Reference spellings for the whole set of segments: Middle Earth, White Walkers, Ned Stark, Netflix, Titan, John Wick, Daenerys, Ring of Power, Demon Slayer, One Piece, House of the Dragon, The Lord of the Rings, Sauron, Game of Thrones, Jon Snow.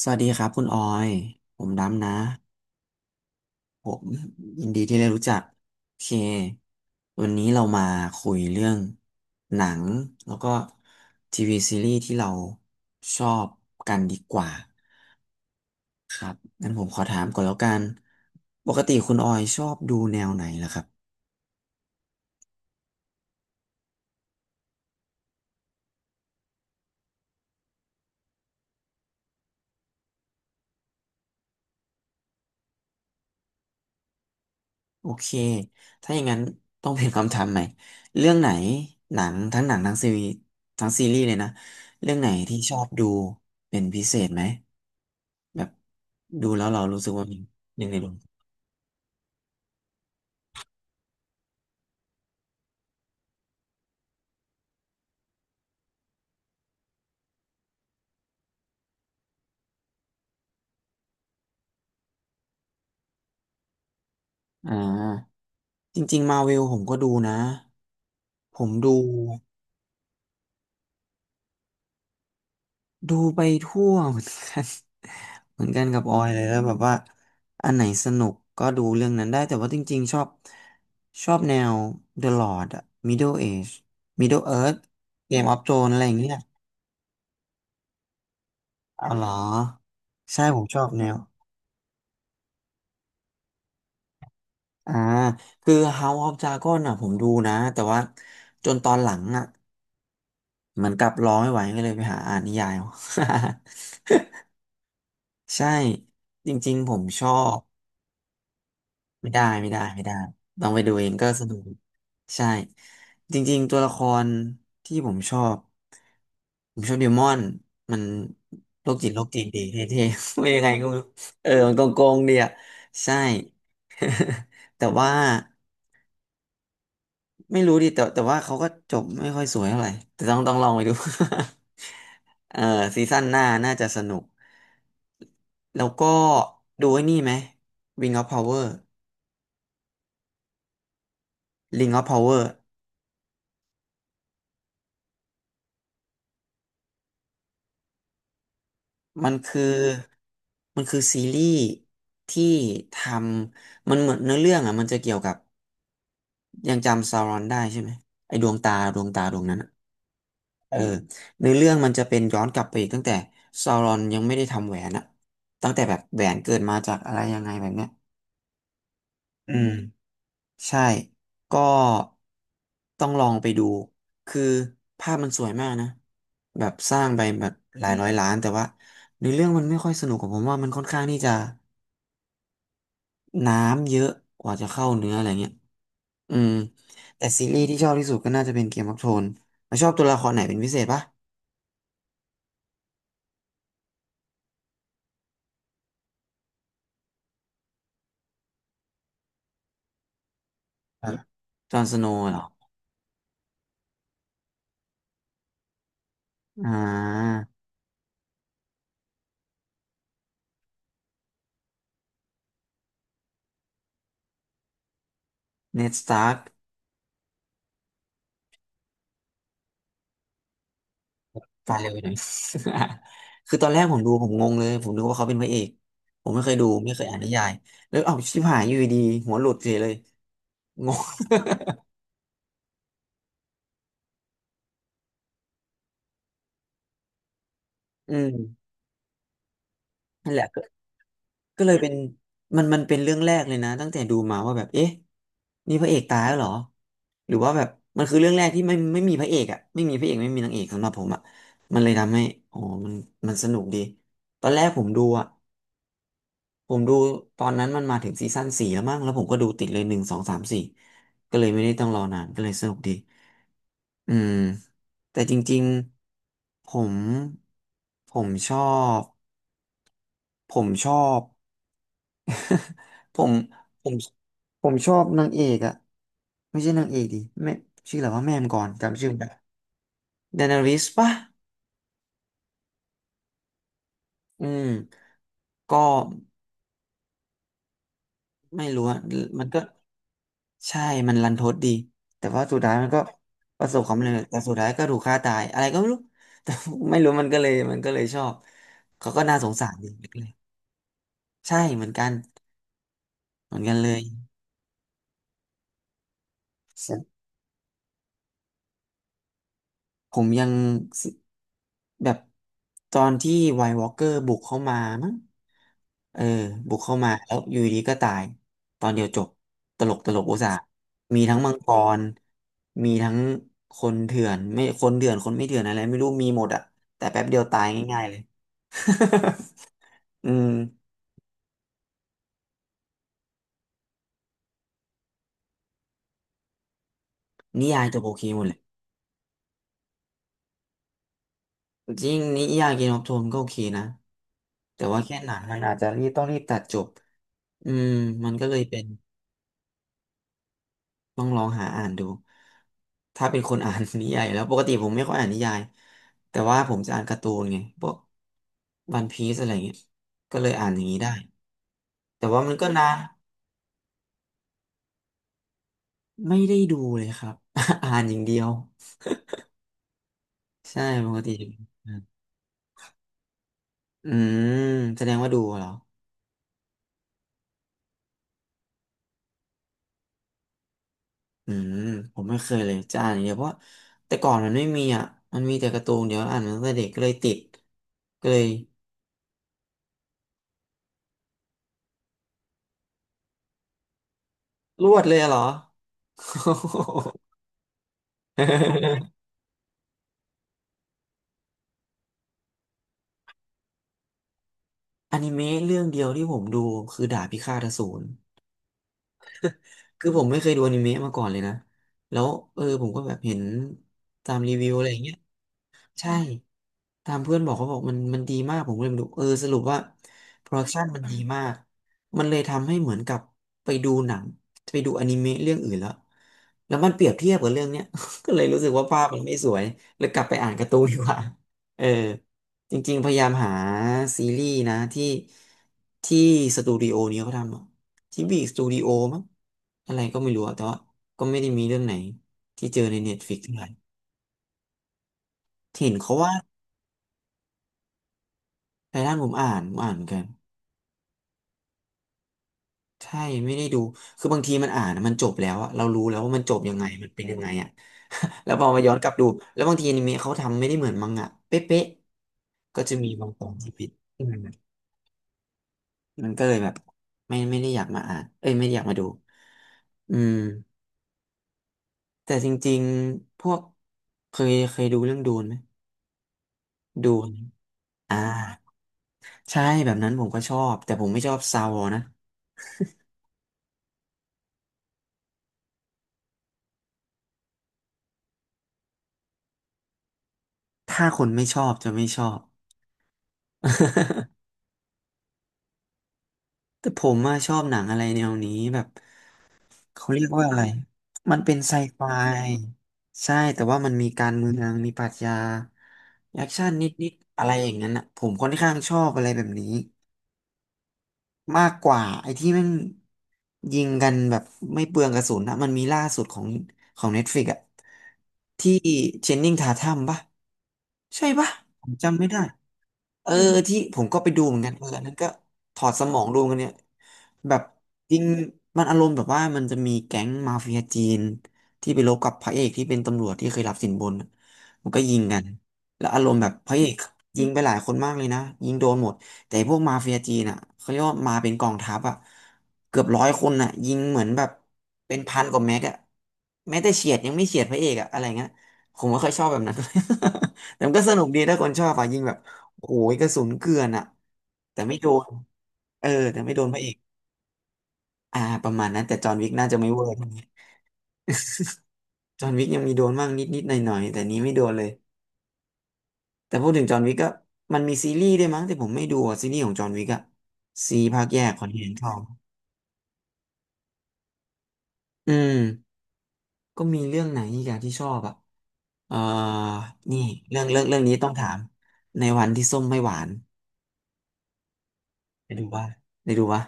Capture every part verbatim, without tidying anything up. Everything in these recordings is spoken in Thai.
สวัสดีครับคุณออยผมดำนะผมยินดีที่ได้รู้จักโอเควันนี้เรามาคุยเรื่องหนังแล้วก็ทีวีซีรีส์ที่เราชอบกันดีกว่างั้นผมขอถามก่อนแล้วกันปกติคุณออยชอบดูแนวไหนล่ะครับโอเคถ้าอย่างนั้นต้องเปลี่ยนคำถามใหม่เรื่องไหนหนังทั้งหนังทั้งซีรีส์ทั้งซีรีส์เลยนะเรื่องไหนที่ชอบดูเป็นพิเศษไหม แบบดูแล้วเรารู้สึกว่ามันหนึ่งในดวงอ่าจริงๆมาเวลผมก็ดูนะผมดูดูไปทั่วเหมือนกัน เหมือนกันกับออยเลยแล้วแบบว่าอันไหนสนุกก็ดูเรื่องนั้นได้แต่ว่าจริงๆชอบชอบแนว The Lord อะ Middle Age Middle Earth Game of Thrones อะไรอย่างเงี้ยอ๋อเหรอใช่ผมชอบแนวอ่าคือ House of Dragon อ่ะผมดูนะแต่ว่าจนตอนหลังอ่ะ เหมือนกับรอไม่ไหวก็เลยไปหาอ่านนิยายเอา ใช่จริงๆผมชอบไม่ได้ไม่ได้ไม่ได้ต้องไปดูเองก็สนุกใช่จริงๆตัวละครที่ผมชอบผมชอบเดมอนมันโรคจิตโรคจิตดีเท่ๆ ไม่ยังไงก็ไม่รู้เออมันโกงๆดีอ่ะใช่ แต่ว่าไม่รู้ดิแต่แต่ว่าเขาก็จบไม่ค่อยสวยเท่าไหร่แต่ต้องต้องลองไปดู เออซีซั่นหน้าน่าจะสนุก แล้วก็ดูไอ้นี่ไหม Ring of Power Ring of Power มันคือมันคือซีรีส์ที่ทำมันเหมือนเนื้อเรื่องอ่ะมันจะเกี่ยวกับยังจำซารอนได้ใช่ไหมไอ้ดวงตาดวงตาดวงนั้นอะเออเนื้อเรื่องมันจะเป็นย้อนกลับไปอีกตั้งแต่ซารอนยังไม่ได้ทำแหวนอะตั้งแต่แบบแหวนเกิดมาจากอะไรยังไงแบบเนี้ยอืมใช่ก็ต้องลองไปดูคือภาพมันสวยมากนะ แบบสร้างไปแบบหลายร้อยล้านแต่ว่าในเรื่องมันไม่ค่อยสนุกของผมว่ามันค่อนข้างที่จะน้ำเยอะกว่าจะเข้าเนื้ออะไรเงี้ยอืมแต่ซีรีส์ที่ชอบที่สุดก็น่าจะเป็นเกมออฟโทนแล้วชอบตัวละครไหนเป็นพิเศษปะครับจอห์นสโนว์เหรออ่าเนดสตาร์กตายเร็วไปหน่อย คือตอนแรกผมดูผมงงเลยผมนึกว่าเขาเป็นพระเอกผมไม่เคยดูไม่เคยอ่านนิยายแล้วเอ้าชิบหายอยู่ดีๆหัวหลุดเฉยเลยงง อืมนั่นแหละ ก็เลยเป็นมันมันเป็นเรื่องแรกเลยนะตั้งแต่ดูมาว่าแบบเอ๊ะนี่พระเอกตายแล้วเหรอหรือว่าแบบมันคือเรื่องแรกที่ไม่ไม่มีพระเอกอ่ะไม่มีพระเอกไม่มีนางเอกสำหรับผมอ่ะมันเลยทำให้อ๋อมันมันสนุกดีตอนแรกผมดูอ่ะผมดูตอนนั้นมันมาถึงซีซั่นสี่แล้วมั้งแล้วผมก็ดูติดเลยหนึ่งสองสามสี่ก็เลยไม่ได้ต้องรอนานก็เลยสนุกดีอืมแต่จริงๆผมผมชอบผมชอบ ผมผม ผมชอบนางเอกอะไม่ใช่นางเอกดิแม่ชื่ออะไรว่าแม่มงก่อนจำชื่อไม่ได้ดานาริสปะอืมก็ไม่รู้อะมันก็ใช่มันรันทดดีแต่ว่าสุดท้ายมันก็ประสบความสำเร็จแต่สุดท้ายก็ถูกฆ่าตายอะไรก็ไม่รู้ แต่ไม่รู้มันก็เลยมันก็เลยชอบเขาก็น่าสงสารดีเลยใช่เหมือนกันเหมือนกันเลยผมยัง แบบตอนที่ไวท์วอล์กเกอร์บุกเข้ามามั้งเออบุกเข้ามาแล้วอยู่ดีก็ตายตอนเดียวจบตลกตลกอุตส่าห์มีทั้งมังกรมีทั้งคนเถื่อนไม่คนเถื่อนคนไม่เถื่อนอะไรไม่รู้มีหมดอะแต่แป๊บเดียวตายง่ายๆเลย อืมนิยายจบโอเคหมดเลยจริงนิยายเกมออฟโทนก็โอเคนะแต่ว่าแค่หนังมันอาจจะรีบต้องรีบตัดจบอืมมันก็เลยเป็น ต้องลองหาอ่านดูถ้าเป็นคนอ่าน นิยายอยู่แล้วปกติผมไม่ค่อยอ่านนิยายแต่ว่าผมจะอ่านการ์ตูนไงพวกวันพีซอะไรเงี้ยก็เลยอ่านอย่างนี้ได้แต่ว่ามันก็นานไม่ได้ดูเลยครับ อ่านอย่างเดียวใช่ปกติอ่านอืมแสดงว่าดูเหรออืมผมไม่เคยเลยจะอ่านอย่างเดียวเพราะแต่ก่อนมันไม่มีอ่ะมันมีแต่การ์ตูนเดี๋ยวอ่านมาตั้งแต่เด็กก็เลยติดก็เลยรวดเลยอะเหรอ อนิเมะเรื่องเดียวที่ผมดูคือดาบพิฆาตอสูรคือผมไม่เคยดูอนิเมะมาก่อนเลยนะแล้วเออผมก็แบบเห็นตามรีวิวอะไรอย่างเงี้ย ใช่ตามเพื่อนบอกเขาบอกมันมันดีมากผมก็เลยไปดูเออสรุปว่าโปรดักชันมันดีมากมันเลยทำให้เหมือนกับไปดูหนังไปดูอนิเมะเรื่องอื่นแล้วแล้วมันเปรียบเทียบกับเรื่องเนี้ย ก็เลยรู้สึกว่าภาพมันไม่สวยเลยกลับไปอ่านการ์ตูนดีกว่าเออจริงๆพยายามหาซีรีส์นะที่ที่สตูดิโอนี้เขาทำอะที่บีสตูดิโอมั้งอะไรก็ไม่รู้อะแต่ว่าก็ไม่ได้มีเรื่องไหนที่เจอในเน็ตฟลิกเท่าไหร่เห็นเขาว่า ไททันผมอ่านผมอ่านเหมือนกันใช่ไม่ได้ดูคือบางทีมันอ่านอะมันจบแล้วอะเรารู้แล้วว่ามันจบยังไงมันเป็นยังไงอะ แล้วพอมาย้อนกลับดูแล้วบางทีอนิเมะเขาทำไม่ได้เหมือนมังงะเป๊ะๆก็จะมีบางตอนที่ผิดอืมมันก็เลยแบบไม่ไม่ได้อยากมาอ่านเอ้ยไม่ได้อยากมาดูอืมแต่จริงๆพวกเคยเคยดูเรื่องดูนไหมดูนอ่าใช่แบบนั้นผมก็ชอบแต่ผมไม่ชอบซาวอนะถ้าคนไม่ชอบจะไม่ชอบ แต่ผมอะชอบหนังอะไรแนวนี้แบบเขาเรียกว่าอะไร มันเป็นไซไฟใช่แต่ว่ามันมีการเมืองมีปรัชญาแอคชั่นนิดๆอะไรอย่างนั้นอะผมค่อนข้างชอบอะไรแบบนี้มากกว่าไอ้ที่แมันยิงกันแบบไม่เปลืองกระสุนนะมันมีล่าสุดของของ Netflix อะที่เจนนิงทาทัมปะใช่ปะผมจำไม่ได้ เออที่ผมก็ไปดูเหมือนกันเอออันนั้นก็ถอดสมองดูกันเนี่ยแบบจริงมันอารมณ์แบบว่ามันจะมีแก๊งมาเฟียจีนที่ไปรบกับพระเอกที่เป็นตำรวจที่เคยรับสินบนมันก็ยิงกันแล้วอารมณ์แบบพระเอกยิงไปหลายคนมากเลยนะยิงโดนหมดแต่พวกมาเฟียจีนอ่ะเขาเรียกว่ามาเป็นกองทัพอ่ะเกือบร้อยคนอ่ะยิงเหมือนแบบเป็นพันกว่าแม็กอ่ะแม้แต่เฉียดยังไม่เฉียดพระเอกอ่ะอะไรเงี้ยผมไม่ค่อยชอบแบบนั้น แต่มันก็สนุกดีถ้าคนชอบอ่ะยิงแบบ โอ้ยกระสุนเกลื่อนอ่ะแต่ไม่โดนเออแต่ไม่โดนพระเอกอ่าประมาณนั้นแต่จอห์นวิกน่าจะไม่เวอร์เท่านี้จอห์นวิกยังมีโดนบ้างนิดๆหน่อยๆแต่นี้ไม่โดนเลยแต่พูดถึงจอห์นวิกก็มันมีซีรีส์ด้วยมั้งแต่ผมไม่ดูอะซีรีส์ของจอห์นวิกอะซีภาคแยกขอนเทนตนชอบอืมก็มีเรื่องไหนอีกอะที่ชอบอะเอ่อนี่เรื่องเรื่องเรื่องนี้ต้องถามในวันที่ส้มไม่หวานได้ดูป่ะได้ดูป่ะ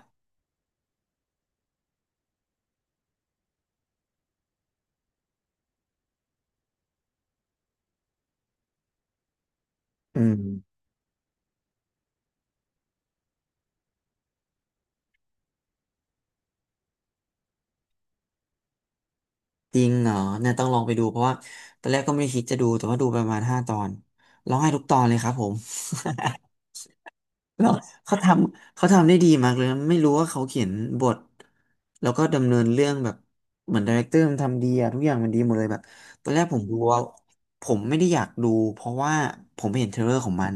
อืม จริงเหรอเนี่ยต้องลองไปดูเพราะว่าตอนแรกก็ไม่ได้คิดจะดูแต่ว่าดูประมาณห้าตอนร้องไห้ทุกตอนเลยครับผม แล้วเขาทำเขาทำได้ดีมากเลยนะไม่รู้ว่าเขาเขียนบทแล้วก็ดำเนินเรื่องแบบเหมือนดีเรคเตอร์มันทำดีอะทุกอย่างมันดีหมดเลยแบบตอนแรกผมดูว่าผมไม่ได้อยากดูเพราะว่าผมเห็นเทรลเลอร์ของมัน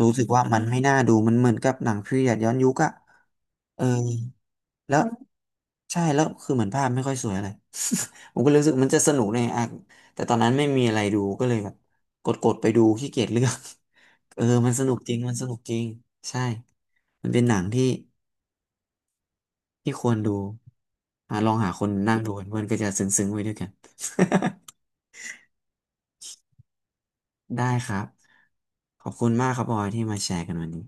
รู้สึกว่ามันไม่น่าดูมันเหมือนกับหนังพีเรียดย้อนยุคอะเออ แล้วใช่แล้วคือเหมือนภาพไม่ค่อยสวยอะไร ผมก็เลยรู้สึกมันจะสนุกในอ่ะแต่ตอนนั้นไม่มีอะไรดูก็เลยแบบกดกดไปดูขี้เกียจเลือก เออมันสนุกจริงมันสนุกจริงใช่มันเป็นหนังที่ที่ควรดูอ่ะลองหาคนนั่งดูกันเพื่อนก็จะซึ้งๆไว้ด้วยกัน ได้ครับขอบคุณมากครับบอยที่มาแชร์กันวันนี้